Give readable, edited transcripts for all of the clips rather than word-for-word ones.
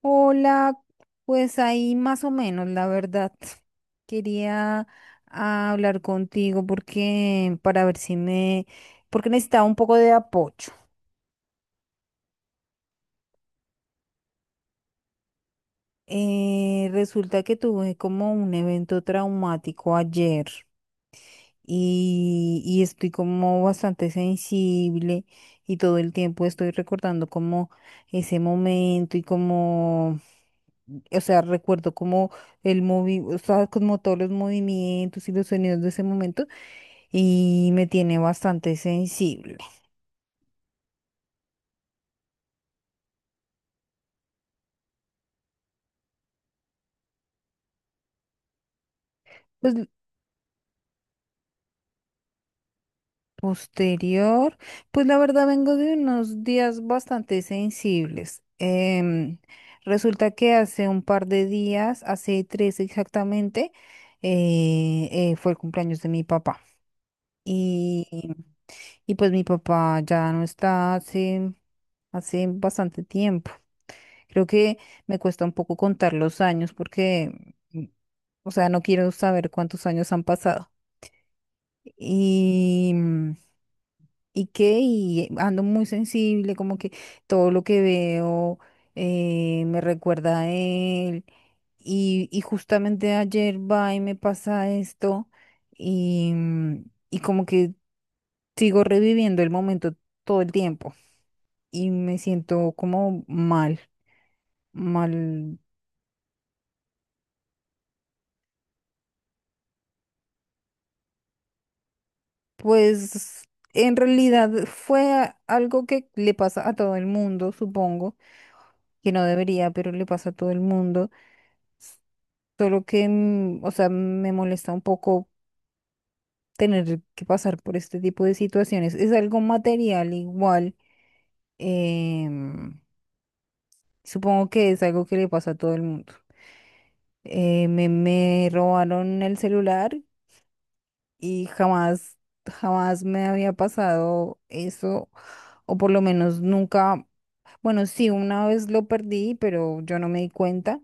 Hola, pues ahí más o menos, la verdad. Quería hablar contigo porque para ver si me, porque necesitaba un poco de apoyo. Resulta que tuve como un evento traumático ayer. Y estoy como bastante sensible y todo el tiempo estoy recordando como ese momento y como, o sea, recuerdo como o sea, como todos los movimientos y los sonidos de ese momento y me tiene bastante sensible. Pues posterior, pues la verdad vengo de unos días bastante sensibles. Resulta que hace un par de días, hace tres exactamente, fue el cumpleaños de mi papá. Y, y pues mi papá ya no está hace, hace bastante tiempo. Creo que me cuesta un poco contar los años porque, mm, o sea, no quiero saber cuántos años han pasado. Y y ando muy sensible, como que todo lo que veo me recuerda a él. Y justamente ayer va y me pasa esto y, y como que sigo reviviendo el momento todo el tiempo y me siento como mal, mal. Pues en realidad fue algo que le pasa a todo el mundo, supongo, que no debería, pero le pasa a todo el mundo. Solo que, o sea, me molesta un poco tener que pasar por este tipo de situaciones. Es algo material igual. em, Supongo que es algo que le pasa a todo el mundo. Me robaron el celular y jamás, jamás me había pasado eso. O por lo menos nunca, bueno, sí, una vez lo perdí, pero yo no me di cuenta.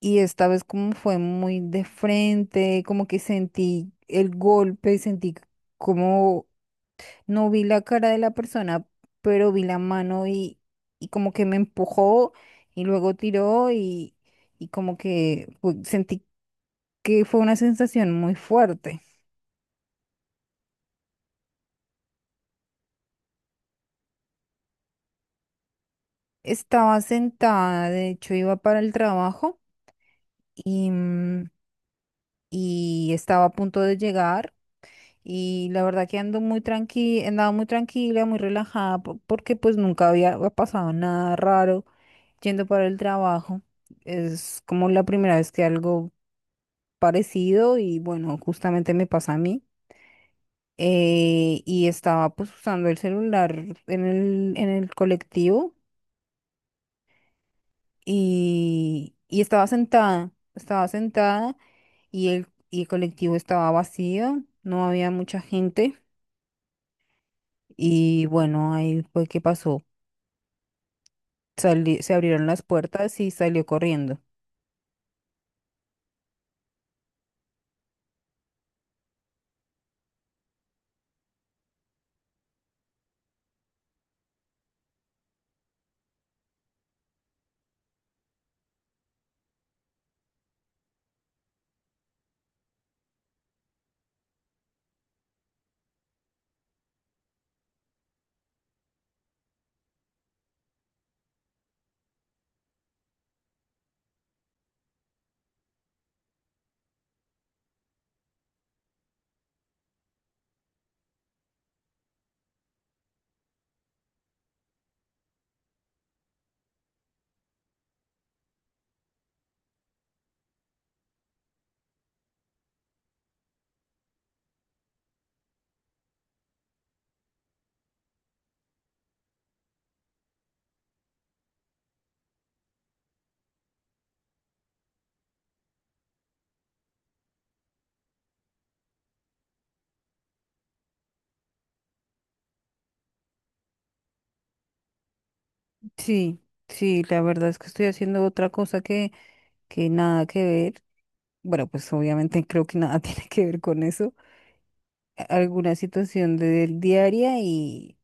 Y esta vez como fue muy de frente, como que sentí el golpe, sentí como no vi la cara de la persona, pero vi la mano y como que me empujó y luego tiró y como que sentí que fue una sensación muy fuerte. Estaba sentada, de hecho iba para el trabajo y, y estaba a punto de llegar. Y la verdad que ando muy tranquila, andaba muy tranquila, muy relajada, porque pues nunca había pasado nada raro yendo para el trabajo. Es como la primera vez que algo parecido y bueno, justamente me pasa a mí. Y estaba pues usando el celular en en el colectivo y estaba sentada y y el colectivo estaba vacío, no había mucha gente. Y bueno, ahí fue que pasó. Se abrieron las puertas y salió corriendo. Sí, sí, la verdad es que estoy haciendo otra cosa que nada que ver. Bueno, pues obviamente creo que nada tiene que ver con eso. Alguna situación de, diaria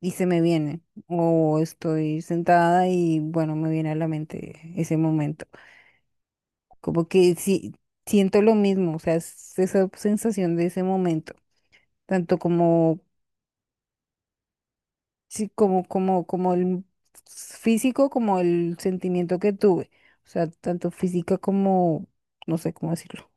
y se me viene. O estoy sentada y bueno, me viene a la mente ese momento. Como que sí, siento lo mismo, o sea, es esa sensación de ese momento. Tanto como sí, como, como el físico, como el sentimiento que tuve. O sea, tanto física como, no sé cómo decirlo.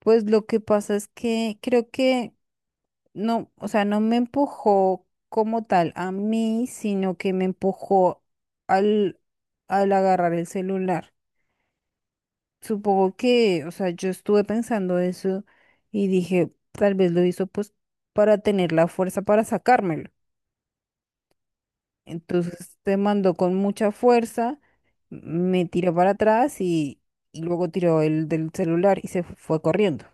Pues lo que pasa es que creo que no, o sea, no me empujó como tal a mí, sino que me empujó al, al agarrar el celular. Supongo que, o sea, yo estuve pensando eso y dije, tal vez lo hizo pues para tener la fuerza para sacármelo. Entonces te mando con mucha fuerza, me tiró para atrás y luego tiró el del celular y se fue corriendo.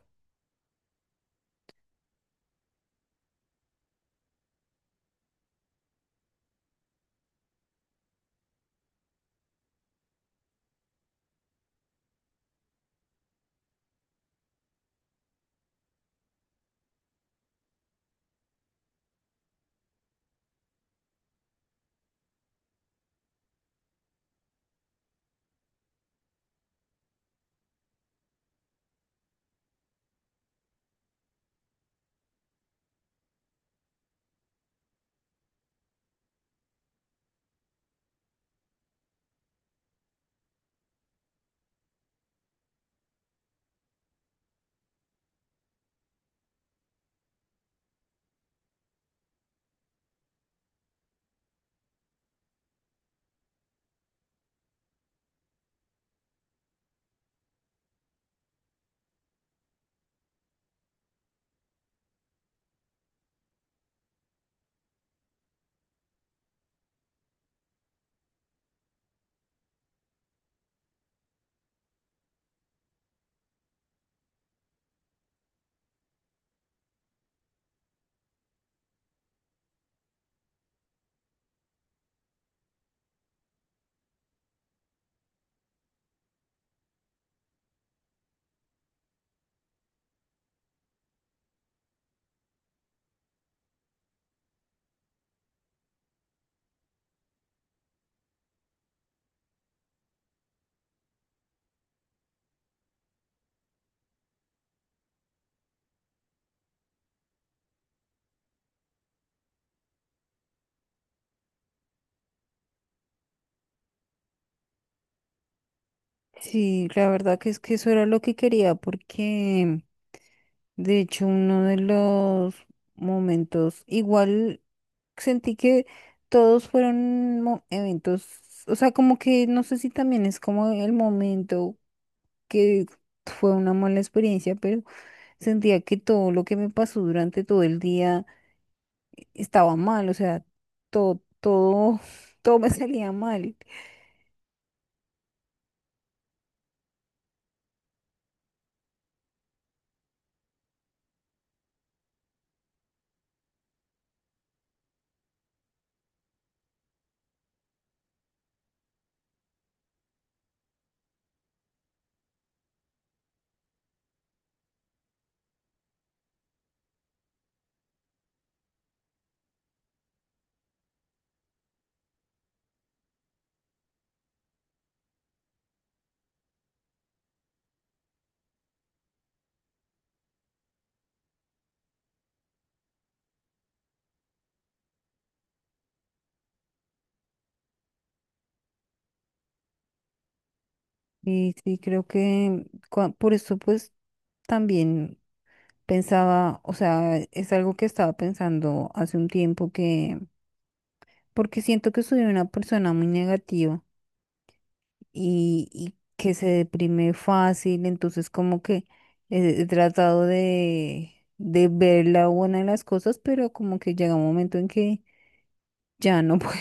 Sí, la verdad que es que eso era lo que quería porque... De hecho, uno de los momentos, igual sentí que todos fueron eventos, o sea, como que no sé si también es como el momento que fue una mala experiencia, pero sentía que todo lo que me pasó durante todo el día estaba mal, o sea, todo, todo, todo me salía mal. Y sí, creo que por eso pues también. Pensaba, o sea, es algo que estaba pensando hace un tiempo que, porque siento que soy una persona muy negativa y que se deprime fácil, entonces como que he tratado de ver la buena de las cosas, pero como que llega un momento en que ya no puedo.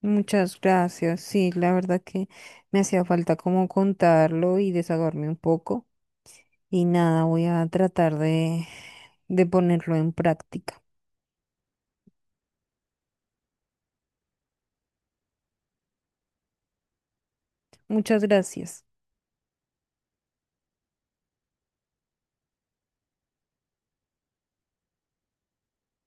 Muchas gracias, sí, la verdad que me hacía falta como contarlo y desahogarme un poco y nada, voy a tratar de ponerlo en práctica. Muchas gracias.